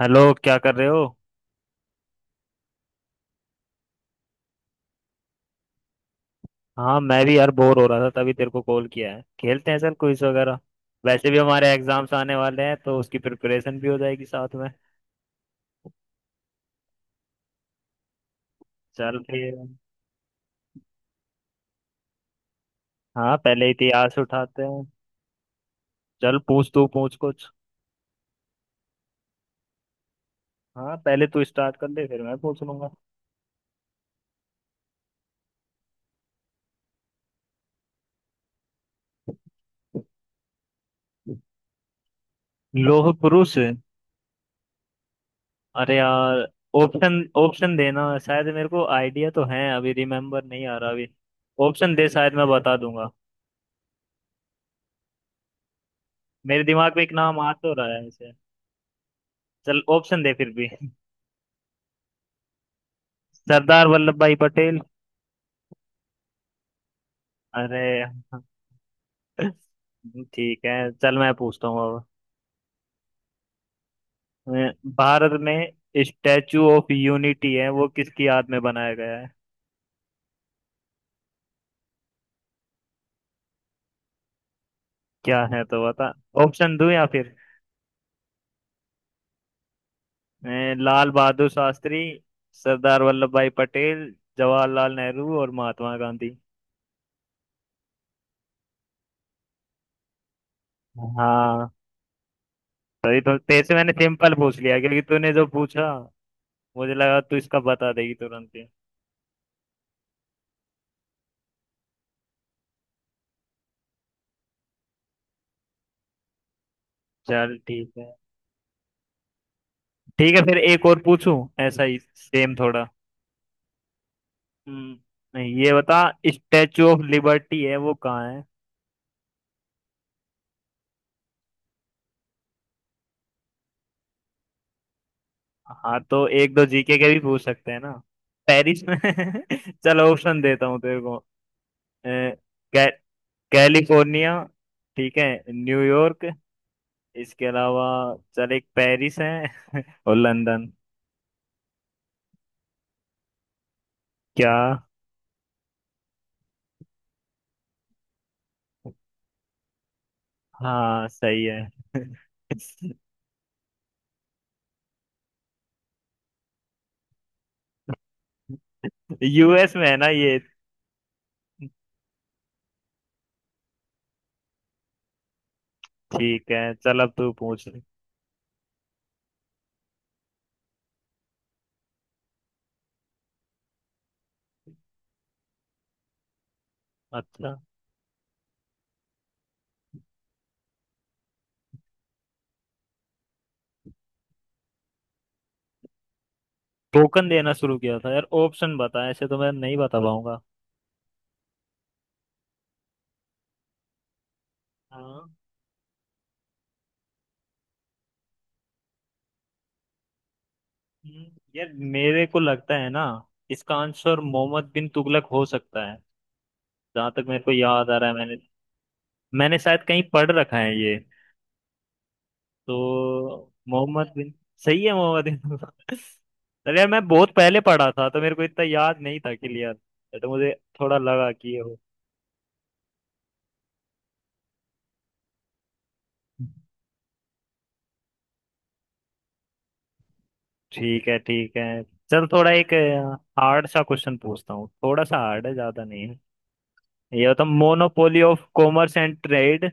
Hello, क्या कर रहे हो? हाँ, मैं भी यार बोर हो रहा था, तभी तेरे को कॉल किया है। खेलते हैं सर क्विज वगैरह। वैसे भी हमारे एग्जाम्स आने वाले हैं तो उसकी प्रिपरेशन भी हो जाएगी साथ में। चल फिर। हाँ, पहले इतिहास उठाते हैं। चल पूछ, तू पूछ कुछ। हाँ, पहले तू स्टार्ट कर दे फिर मैं पूछ लूंगा। लोह पुरुष। अरे यार। ऑप्शन ऑप्शन देना शायद, मेरे को आइडिया तो है, अभी रिमेम्बर नहीं आ रहा अभी। ऑप्शन दे, शायद मैं बता दूंगा। मेरे दिमाग में एक नाम आ तो रहा है ऐसे। चल ऑप्शन दे फिर भी। सरदार वल्लभ भाई पटेल। अरे। ठीक है, चल मैं पूछता हूँ अब। अ, भारत में स्टैचू ऑफ यूनिटी है, वो किसकी याद में बनाया गया है? क्या है तो बता। ऑप्शन दूं या फिर? लाल बहादुर शास्त्री, सरदार वल्लभ भाई पटेल, जवाहरलाल नेहरू और महात्मा गांधी। हाँ। सही, तो तेरे से मैंने सिंपल पूछ लिया, क्योंकि तूने जो पूछा, मुझे लगा तू इसका बता देगी तुरंत ही। चल ठीक है। ठीक है, फिर एक और पूछूं? ऐसा ही सेम थोड़ा। हम्म, नहीं, ये बता। स्टेचू ऑफ लिबर्टी है वो कहाँ है? हाँ तो एक दो जीके के भी पूछ सकते हैं ना। पेरिस में चलो ऑप्शन देता हूँ तेरे को। कै, कैलिफोर्निया, ठीक है, न्यूयॉर्क, इसके अलावा चल एक पेरिस है, और लंदन। क्या? हाँ सही है। यूएस में है ना ये? ठीक है चल अब तू पूछ ले। अच्छा। टोकन देना शुरू किया था? यार ऑप्शन बता, ऐसे तो मैं नहीं बता पाऊंगा। हाँ। हम्म, यार मेरे को लगता है ना, इसका आंसर मोहम्मद बिन तुगलक हो सकता है। जहां तक मेरे को याद आ रहा है, मैंने मैंने शायद कहीं पढ़ रखा है ये। तो मोहम्मद बिन। सही है, मोहम्मद बिन तुगलक। अरे यार, मैं बहुत पहले पढ़ा था तो मेरे को इतना याद नहीं था क्लियर। तो मुझे थोड़ा लगा कि ये हो। ठीक है, ठीक है। चल थोड़ा एक हार्ड सा क्वेश्चन पूछता हूँ, थोड़ा सा हार्ड है, ज्यादा नहीं है। ये होता monopoly of commerce and trade.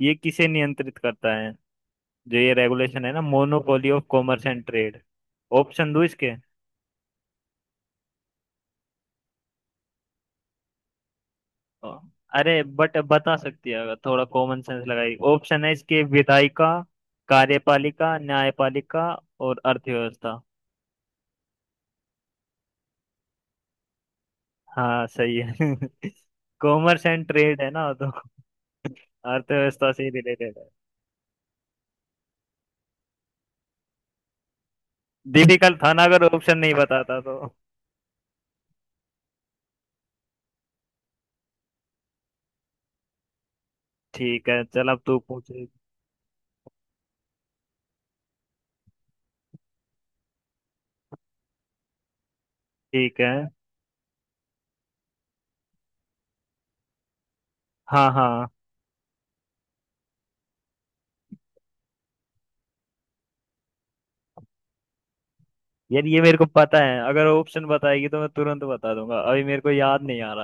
ये किसे नियंत्रित करता है? जो ये रेगुलेशन है ना, monopoly of commerce and trade. Option दो इसके। अ, अरे बट बता सकती है अगर थोड़ा कॉमन सेंस लगाई। ऑप्शन है इसके: विधायिका, कार्यपालिका, न्यायपालिका और अर्थव्यवस्था। हाँ सही है। कॉमर्स एंड ट्रेड है ना, तो अर्थव्यवस्था से ही रिलेटेड है। डिफिकल्ट था ना, अगर ऑप्शन नहीं बताता तो। ठीक है, चल अब तू पूछ। ठीक है। हाँ, हाँ। यार ये मेरे को पता है, अगर ऑप्शन बताएगी तो मैं तुरंत बता दूंगा, अभी मेरे को याद नहीं आ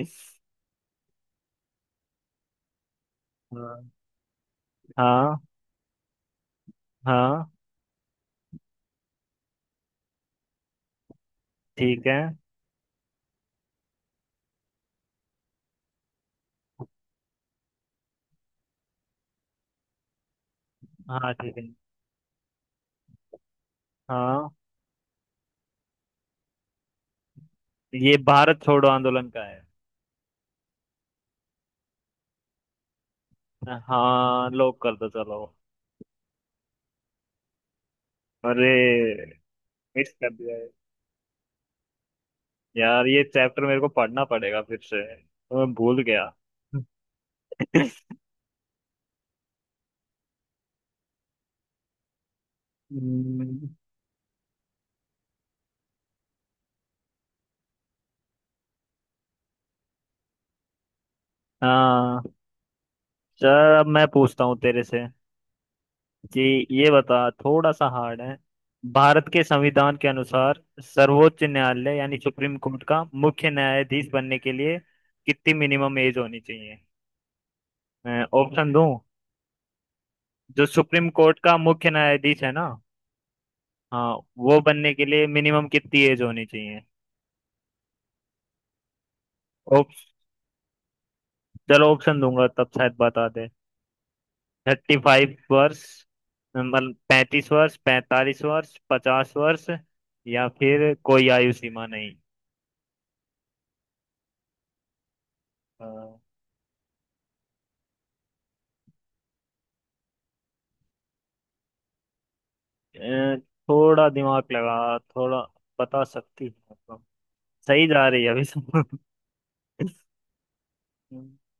रहा। हाँ। हाँ, हाँ। ठीक है। हाँ ठीक है। हाँ, ये भारत छोड़ो आंदोलन का है। हाँ लॉक कर दो, चलो। अरे। मिस कर दिया है। यार ये चैप्टर मेरे को पढ़ना पड़ेगा फिर से, तो मैं भूल गया। हम्म, हाँ। चल अब मैं पूछता हूँ तेरे से। जी। ये बता, थोड़ा सा हार्ड है। भारत के संविधान के अनुसार सर्वोच्च न्यायालय यानी सुप्रीम कोर्ट का मुख्य न्यायाधीश बनने के लिए कितनी मिनिमम एज होनी चाहिए? मैं ऑप्शन दूं? जो सुप्रीम कोर्ट का मुख्य न्यायाधीश है ना, हाँ, वो बनने के लिए मिनिमम कितनी एज होनी चाहिए? ऑप- चलो ऑप्शन दूंगा तब शायद बता दे। 35 वर्ष, मतलब 35 वर्ष, 45 वर्ष, 50 वर्ष, या फिर कोई आयु सीमा नहीं। अ, थोड़ा दिमाग लगा, थोड़ा बता सकती है तो। सही जा रही है अभी तो।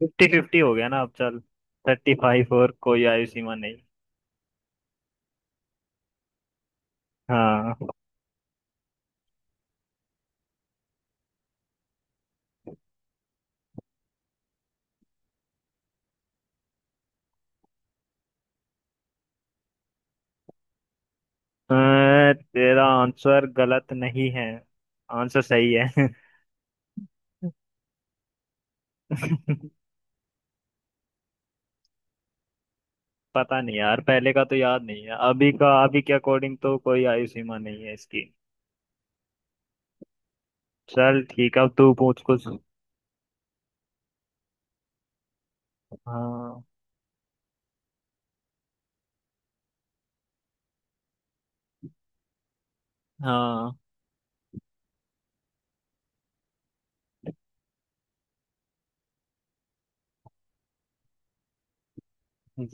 फिफ्टी फिफ्टी हो गया ना अब, चल। 35 और कोई आयु सीमा नहीं। हाँ। अ, तेरा आंसर गलत नहीं है, आंसर सही है। पता नहीं यार, पहले का तो याद नहीं है, अभी का, अभी के अकॉर्डिंग तो कोई आयु सीमा नहीं है इसकी। चल ठीक है, अब तू पूछ कुछ। हाँ, हाँ।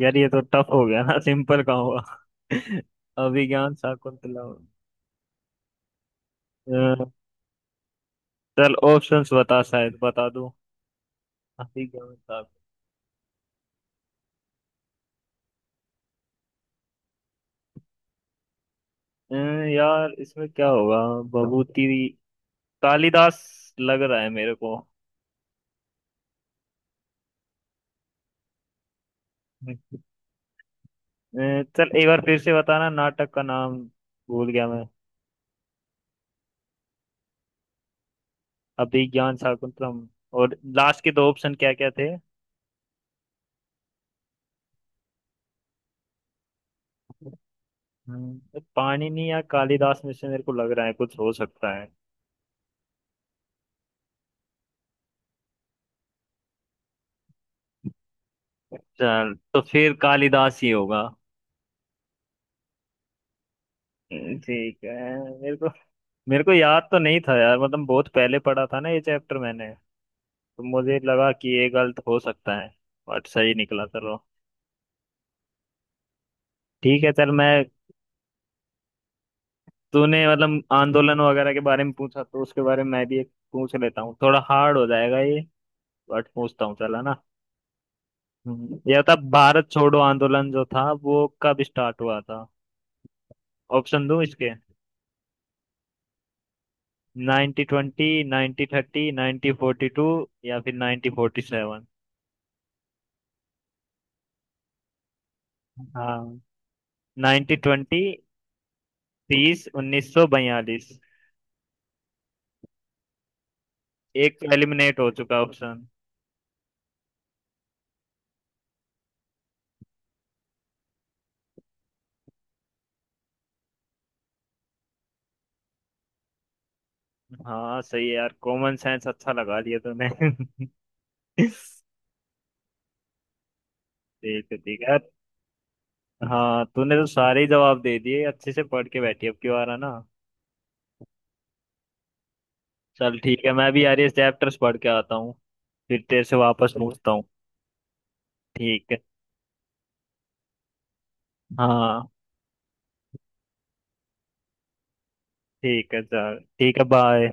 यार ये तो टफ हो गया ना, सिंपल का हुआ। अभिज्ञान शाकुंतला। अ, चल ऑप्शंस बता, शायद बता दो। अभिज्ञान शाकुंतला। यार इसमें क्या होगा? भभूति, कालिदास, लग रहा है मेरे को। अ, चल एक बार फिर से बताना नाटक का नाम, भूल गया मैं। अभिज्ञान शाकुंतलम। और लास्ट के दो ऑप्शन क्या क्या थे? पाणिनि या कालिदास में से मेरे को लग रहा है कुछ हो सकता है। चल तो फिर कालिदास ही होगा। ठीक है। मेरे को मेरे को याद तो नहीं था यार, मतलब बहुत पहले पढ़ा था ना ये चैप्टर मैंने। तो मुझे लगा कि ये गलत हो सकता है। बट सही निकला, चलो। ठीक है, चल मैं। तूने मतलब आंदोलन वगैरह के बारे में पूछा, तो उसके बारे में मैं भी एक पूछ लेता हूँ, थोड़ा हार्ड हो जाएगा ये, बट पूछता हूँ, चला ना। ये बता, भारत छोड़ो आंदोलन जो था वो कब स्टार्ट हुआ था? ऑप्शन दूं इसके। 1920, 1930, 1942, या फिर 1947। 1920, 30 1942। एक तो एलिमिनेट हो चुका ऑप्शन। हाँ सही है यार, कॉमन सेंस अच्छा लगा दिया तूने। ठीक है। ठीक है। हाँ, तूने तो सारे ही जवाब दे दिए, अच्छे से पढ़ के बैठी अब की बार है ना। चल ठीक है, मैं भी यार ये चैप्टर्स पढ़ के आता हूँ, फिर तेरे से वापस पूछता हूँ। ठीक है। हाँ ठीक है, चल ठीक है, बाय।